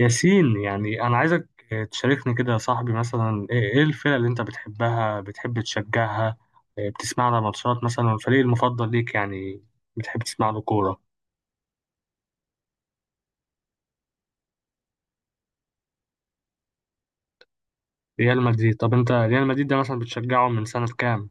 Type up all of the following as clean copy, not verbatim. ياسين يعني أنا عايزك تشاركني كده يا صاحبي، مثلا إيه الفرق اللي أنت بتحبها، بتحب تشجعها، إيه بتسمع لها ماتشات مثلا، والفريق المفضل ليك يعني بتحب تسمع له كورة. ريال مدريد. طب أنت ريال مدريد ده مثلا بتشجعه من سنة كام؟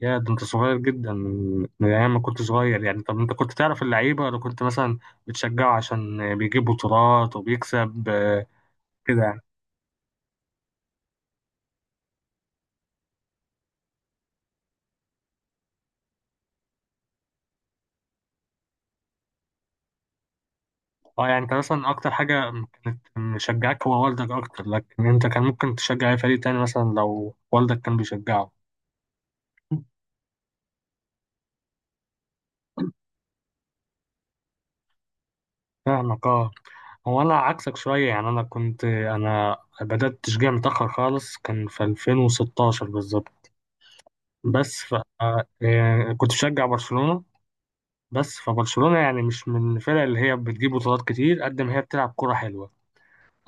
يا ده أنت صغير جدا، من أيام ما كنت صغير يعني. طب أنت كنت تعرف اللعيبة ولا كنت مثلا بتشجعه عشان بيجيب بطولات وبيكسب؟ كده. اه يعني انت مثلا اكتر حاجة كانت مشجعك هو والدك اكتر، لكن انت كان ممكن تشجع اي فريق تاني مثلا لو والدك كان بيشجعه. فاهمك اه. هو انا عكسك شوية يعني، انا كنت انا بدأت تشجيع متأخر خالص، كان في 2016 بالظبط. بس ف آه، يعني كنت بشجع برشلونة. بس فبرشلونة يعني مش من الفرق اللي هي بتجيب بطولات كتير قد ما هي بتلعب كرة حلوة.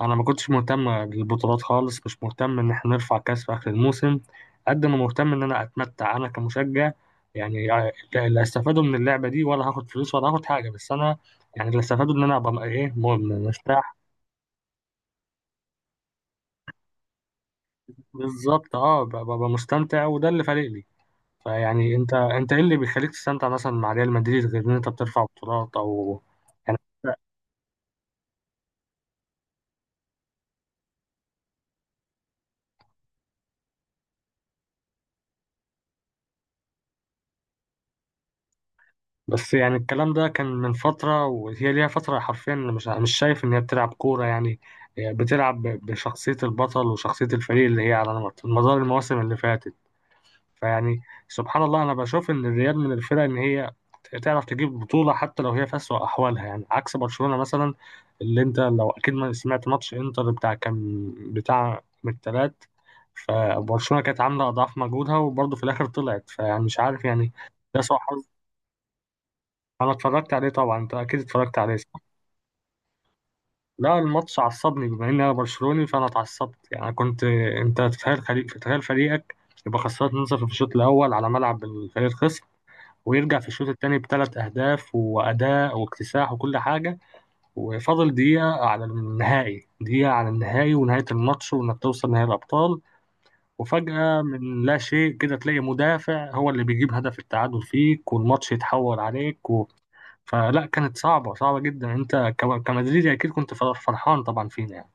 انا ما كنتش مهتم بالبطولات خالص، مش مهتم ان احنا نرفع كاس في اخر الموسم قد ما مهتم ان انا اتمتع انا كمشجع. يعني لا، لا استفادوا من اللعبه دي ولا هاخد فلوس ولا هاخد حاجه، بس انا يعني اللي استفادوا ان انا ابقى مرتاح. بالظبط اه، ببقى مستمتع وده اللي فارق لي. فيعني انت ايه اللي بيخليك تستمتع مثلا مع ريال مدريد، غير ان انت بترفع بطولات او يعني؟ بس يعني الكلام ده كان من فترة، وهي ليها فترة حرفيا مش شايف إن هي بتلعب كورة يعني. هي بتلعب بشخصية البطل وشخصية الفريق اللي هي على مدار المواسم اللي فاتت. فيعني سبحان الله، أنا بشوف إن الريال من الفرق إن هي تعرف تجيب بطولة حتى لو هي في أسوأ أحوالها، يعني عكس برشلونة مثلا، اللي أنت لو أكيد ما سمعت ماتش إنتر بتاع، كان بتاع من التلات. فبرشلونة كانت عاملة أضعاف مجهودها وبرضه في الآخر طلعت، فيعني مش عارف يعني. ده سوء حظ. انا اتفرجت عليه طبعا، انت اكيد اتفرجت عليه صح؟ لا، الماتش عصبني بما اني انا برشلوني فانا اتعصبت يعني. كنت انت تتخيل فريق، تتخيل فريقك يبقى خسران 2-0 في الشوط الاول على ملعب الفريق الخصم، ويرجع في الشوط الثاني بثلاث اهداف واداء واكتساح وكل حاجه، وفاضل دقيقه على النهائي، دقيقه على النهائي ونهايه الماتش وانك توصل نهائي الابطال. وفجأة من لا شيء كده تلاقي مدافع هو اللي بيجيب هدف التعادل فيك والماتش يتحول عليك. فلا، كانت صعبة، صعبة جدا. انت كمدريدي اكيد كنت فرحان طبعا فينا يعني.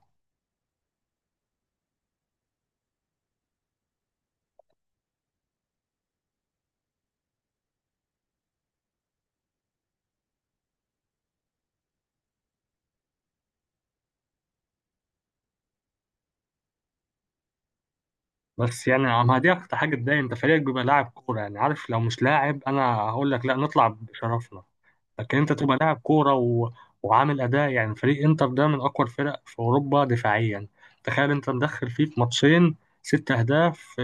بس يعني ما دي اكتر حاجة تضايق، انت فريقك بيبقى لاعب كورة يعني، عارف لو مش لاعب انا هقول لك لا نطلع بشرفنا، لكن انت تبقى لاعب كوره و... وعامل اداء يعني. فريق انتر ده من اقوى الفرق في اوروبا دفاعيا، تخيل انت مدخل فيه في ماتشين ست اهداف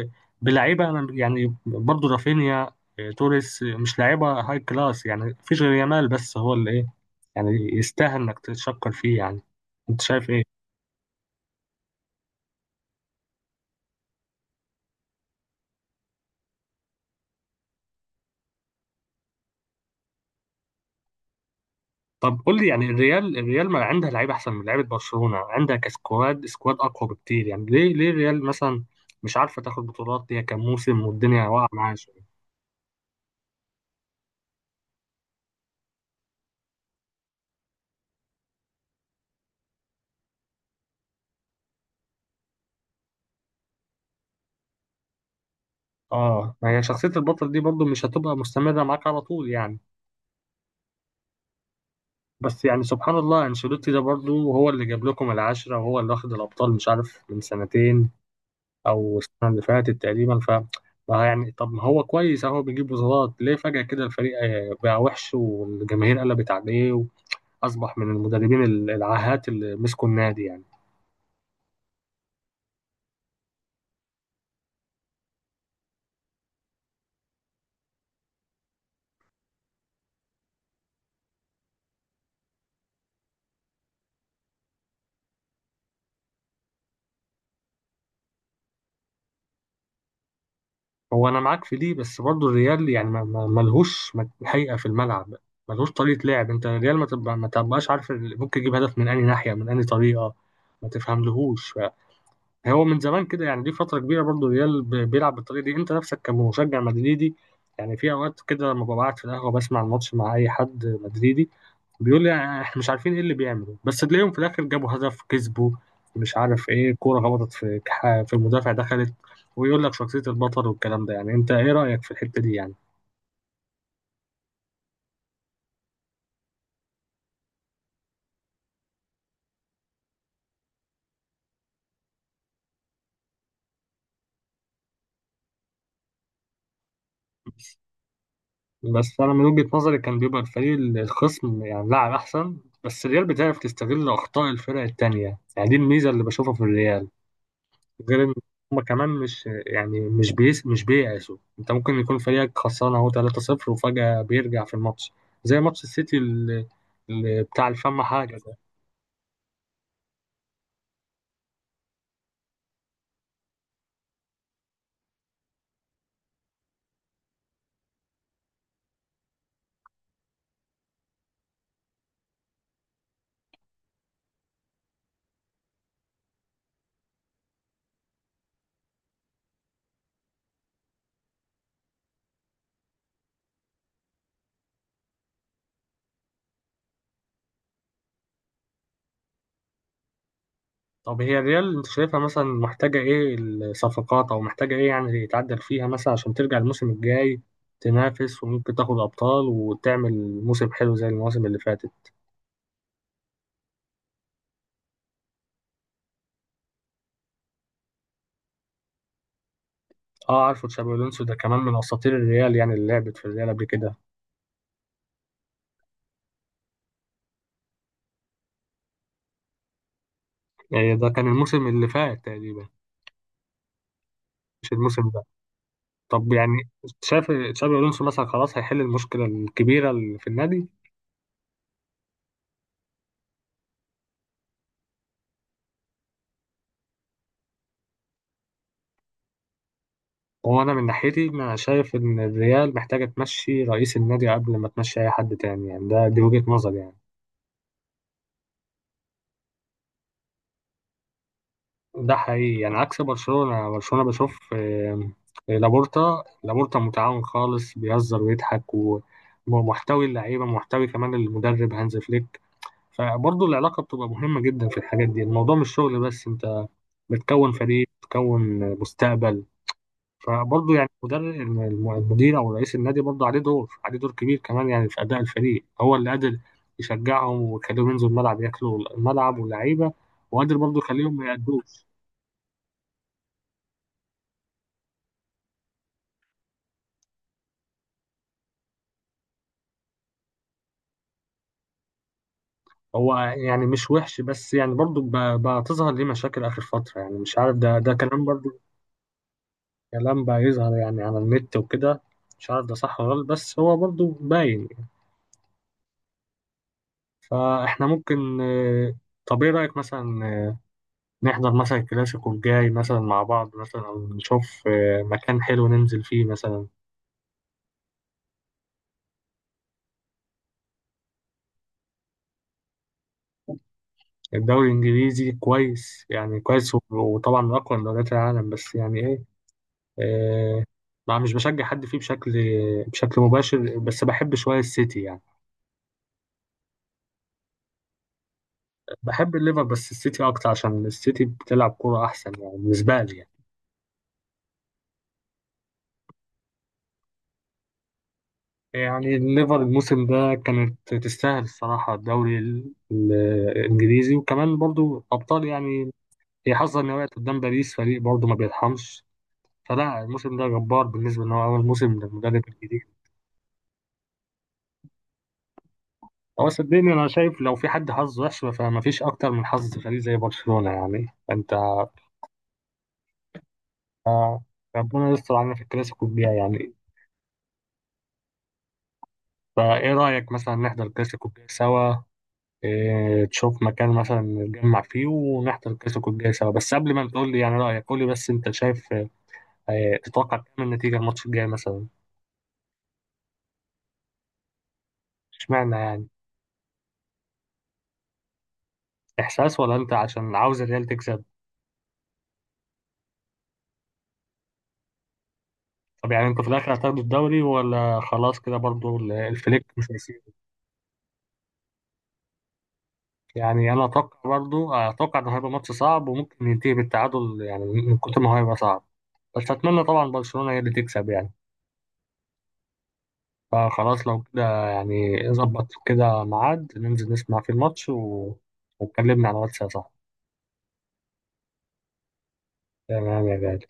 بلعيبه انا يعني، برضو رافينيا، اه، توريس، مش لعيبه هاي كلاس يعني، مفيش غير يامال بس هو اللي ايه يعني يستاهل انك تتشكر فيه يعني. انت شايف ايه؟ طب قول لي يعني، الريال، الريال ما عندها لعيبه احسن من لعيبه برشلونه، عندها كسكواد سكواد اقوى بكتير، يعني ليه ليه الريال مثلا مش عارفه تاخد بطولات؟ هي كام موسم والدنيا واقعه معاها. اه ما هي شخصية البطل دي برضو مش هتبقى مستمرة معاك على طول يعني. بس يعني سبحان الله، انشيلوتي ده برضو هو اللي جاب لكم العشرة، وهو اللي واخد الأبطال مش عارف من سنتين أو السنة اللي فاتت تقريبا. ف ما يعني طب ما هو كويس، اهو بيجيب بطولات. ليه فجأة كده الفريق بقى وحش والجماهير قلبت عليه، وأصبح من المدربين العاهات اللي مسكوا النادي يعني؟ هو انا معاك في دي، بس برضو الريال يعني ملهوش حقيقه في الملعب، ملهوش طريقه لعب. انت الريال ما تبقاش عارف، ممكن يجيب هدف من اي ناحيه من اي طريقه، ما تفهملهوش. هو من زمان كده يعني، دي فتره كبيره برضو الريال بيلعب بالطريقه دي. انت نفسك كمشجع مدريدي يعني، في اوقات كده لما ببقى قاعد في القهوه بسمع الماتش مع اي حد مدريدي بيقول لي احنا مش عارفين ايه اللي بيعمله، بس تلاقيهم في الاخر جابوا هدف كسبوا مش عارف ايه، كورة خبطت في في المدافع دخلت، ويقول لك شخصية البطل والكلام ده يعني. انت ايه رأيك في الحتة دي يعني؟ بس انا من وجهة نظري كان بيبقى الفريق الخصم يعني لاعب احسن، بس الريال بتعرف تستغل اخطاء الفرق التانية يعني، دي الميزة اللي بشوفها في الريال. غير ان هما كمان مش يعني مش بييأسوا، انت ممكن يكون فريقك خسران اهو 3-0 وفجأة بيرجع في الماتش، زي ماتش السيتي اللي اللي بتاع الفم حاجة. طب هي الريال انت شايفها مثلا محتاجة ايه؟ الصفقات او محتاجة ايه يعني يتعدل فيها مثلا عشان ترجع الموسم الجاي تنافس وممكن تاخد ابطال وتعمل موسم حلو زي المواسم اللي فاتت. اه عارفه، تشابي الونسو ده كمان من اساطير الريال يعني، اللي لعبت في الريال قبل كده. يعني ده كان الموسم اللي فات تقريبا، مش الموسم ده. طب يعني شايف تشابي الونسو مثلا خلاص هيحل المشكلة الكبيرة اللي في النادي؟ هو انا من ناحيتي انا شايف ان الريال محتاجة تمشي رئيس النادي قبل ما تمشي اي حد تاني يعني، ده دي وجهة نظري يعني. ده حقيقي يعني، عكس برشلونة. برشلونة بشوف لابورتا، لابورتا متعاون خالص، بيهزر ويضحك، ومحتوي اللعيبة، محتوي كمان المدرب هانز فليك. فبرضه العلاقة بتبقى مهمة جدا في الحاجات دي، الموضوع مش شغل بس، انت بتكون فريق بتكون مستقبل. فبرضه يعني المدرب المدير او رئيس النادي برضه عليه دور، عليه دور كبير كمان يعني في اداء الفريق، هو اللي قادر يشجعهم ويخليهم ينزلوا الملعب ياكلوا الملعب واللعيبة، وقادر برضه يخليهم ما يأدوش. هو يعني مش وحش، بس يعني برضو بقى تظهر ليه مشاكل آخر فترة، يعني مش عارف، ده كلام برضو، كلام بقى يظهر يعني على النت وكده، مش عارف ده صح ولا غلط، بس هو برضو باين. فإحنا ممكن، طب إيه رأيك مثلا، نحضر مثلا الكلاسيكو الجاي مثلا مع بعض مثلا، أو نشوف مكان حلو ننزل فيه مثلا. الدوري الإنجليزي كويس يعني، كويس وطبعا من أقوى دوريات العالم، بس يعني إيه آه، ما مش بشجع حد فيه بشكل مباشر، بس بحب شوية السيتي يعني. بحب الليفر بس السيتي أكتر عشان السيتي بتلعب كورة أحسن يعني، بالنسبة لي يعني. يعني الليفر الموسم ده كانت تستاهل الصراحة الدوري الإنجليزي وكمان برضو أبطال يعني، هي حظها إن هي وقعت قدام باريس، فريق برضو ما بيرحمش. فلا الموسم ده جبار بالنسبة إن هو أول موسم للمدرب الجديد. هو صدقني أنا شايف لو في حد حظه وحش فما فيش أكتر من حظ فريق زي برشلونة يعني أنت. ربنا يستر علينا في الكلاسيكو الجاي يعني. فايه رأيك مثلا نحضر الكلاسيكو الجاي سوا؟ إيه تشوف مكان مثلا نتجمع فيه ونحضر الكلاسيكو الجاي سوا، بس قبل ما تقول لي يعني رأيك قول لي بس انت شايف إيه، تتوقع كام النتيجة الماتش الجاي مثلا؟ اشمعنى يعني؟ احساس ولا انت عشان عاوز الريال تكسب؟ طب يعني انتوا في الاخر هتاخدوا الدوري ولا خلاص كده برضو الفليك مش هيسيب؟ يعني انا اتوقع برضو، اتوقع انه هيبقى ماتش صعب وممكن ينتهي بالتعادل يعني من كتر ما هو هيبقى صعب، بس اتمنى طبعا برشلونة هي اللي تكسب يعني. فخلاص لو كده يعني، ظبط كده ميعاد ننزل نسمع فيه الماتش و... واتكلمنا على الواتس يا صاحبي. تمام يا غالي.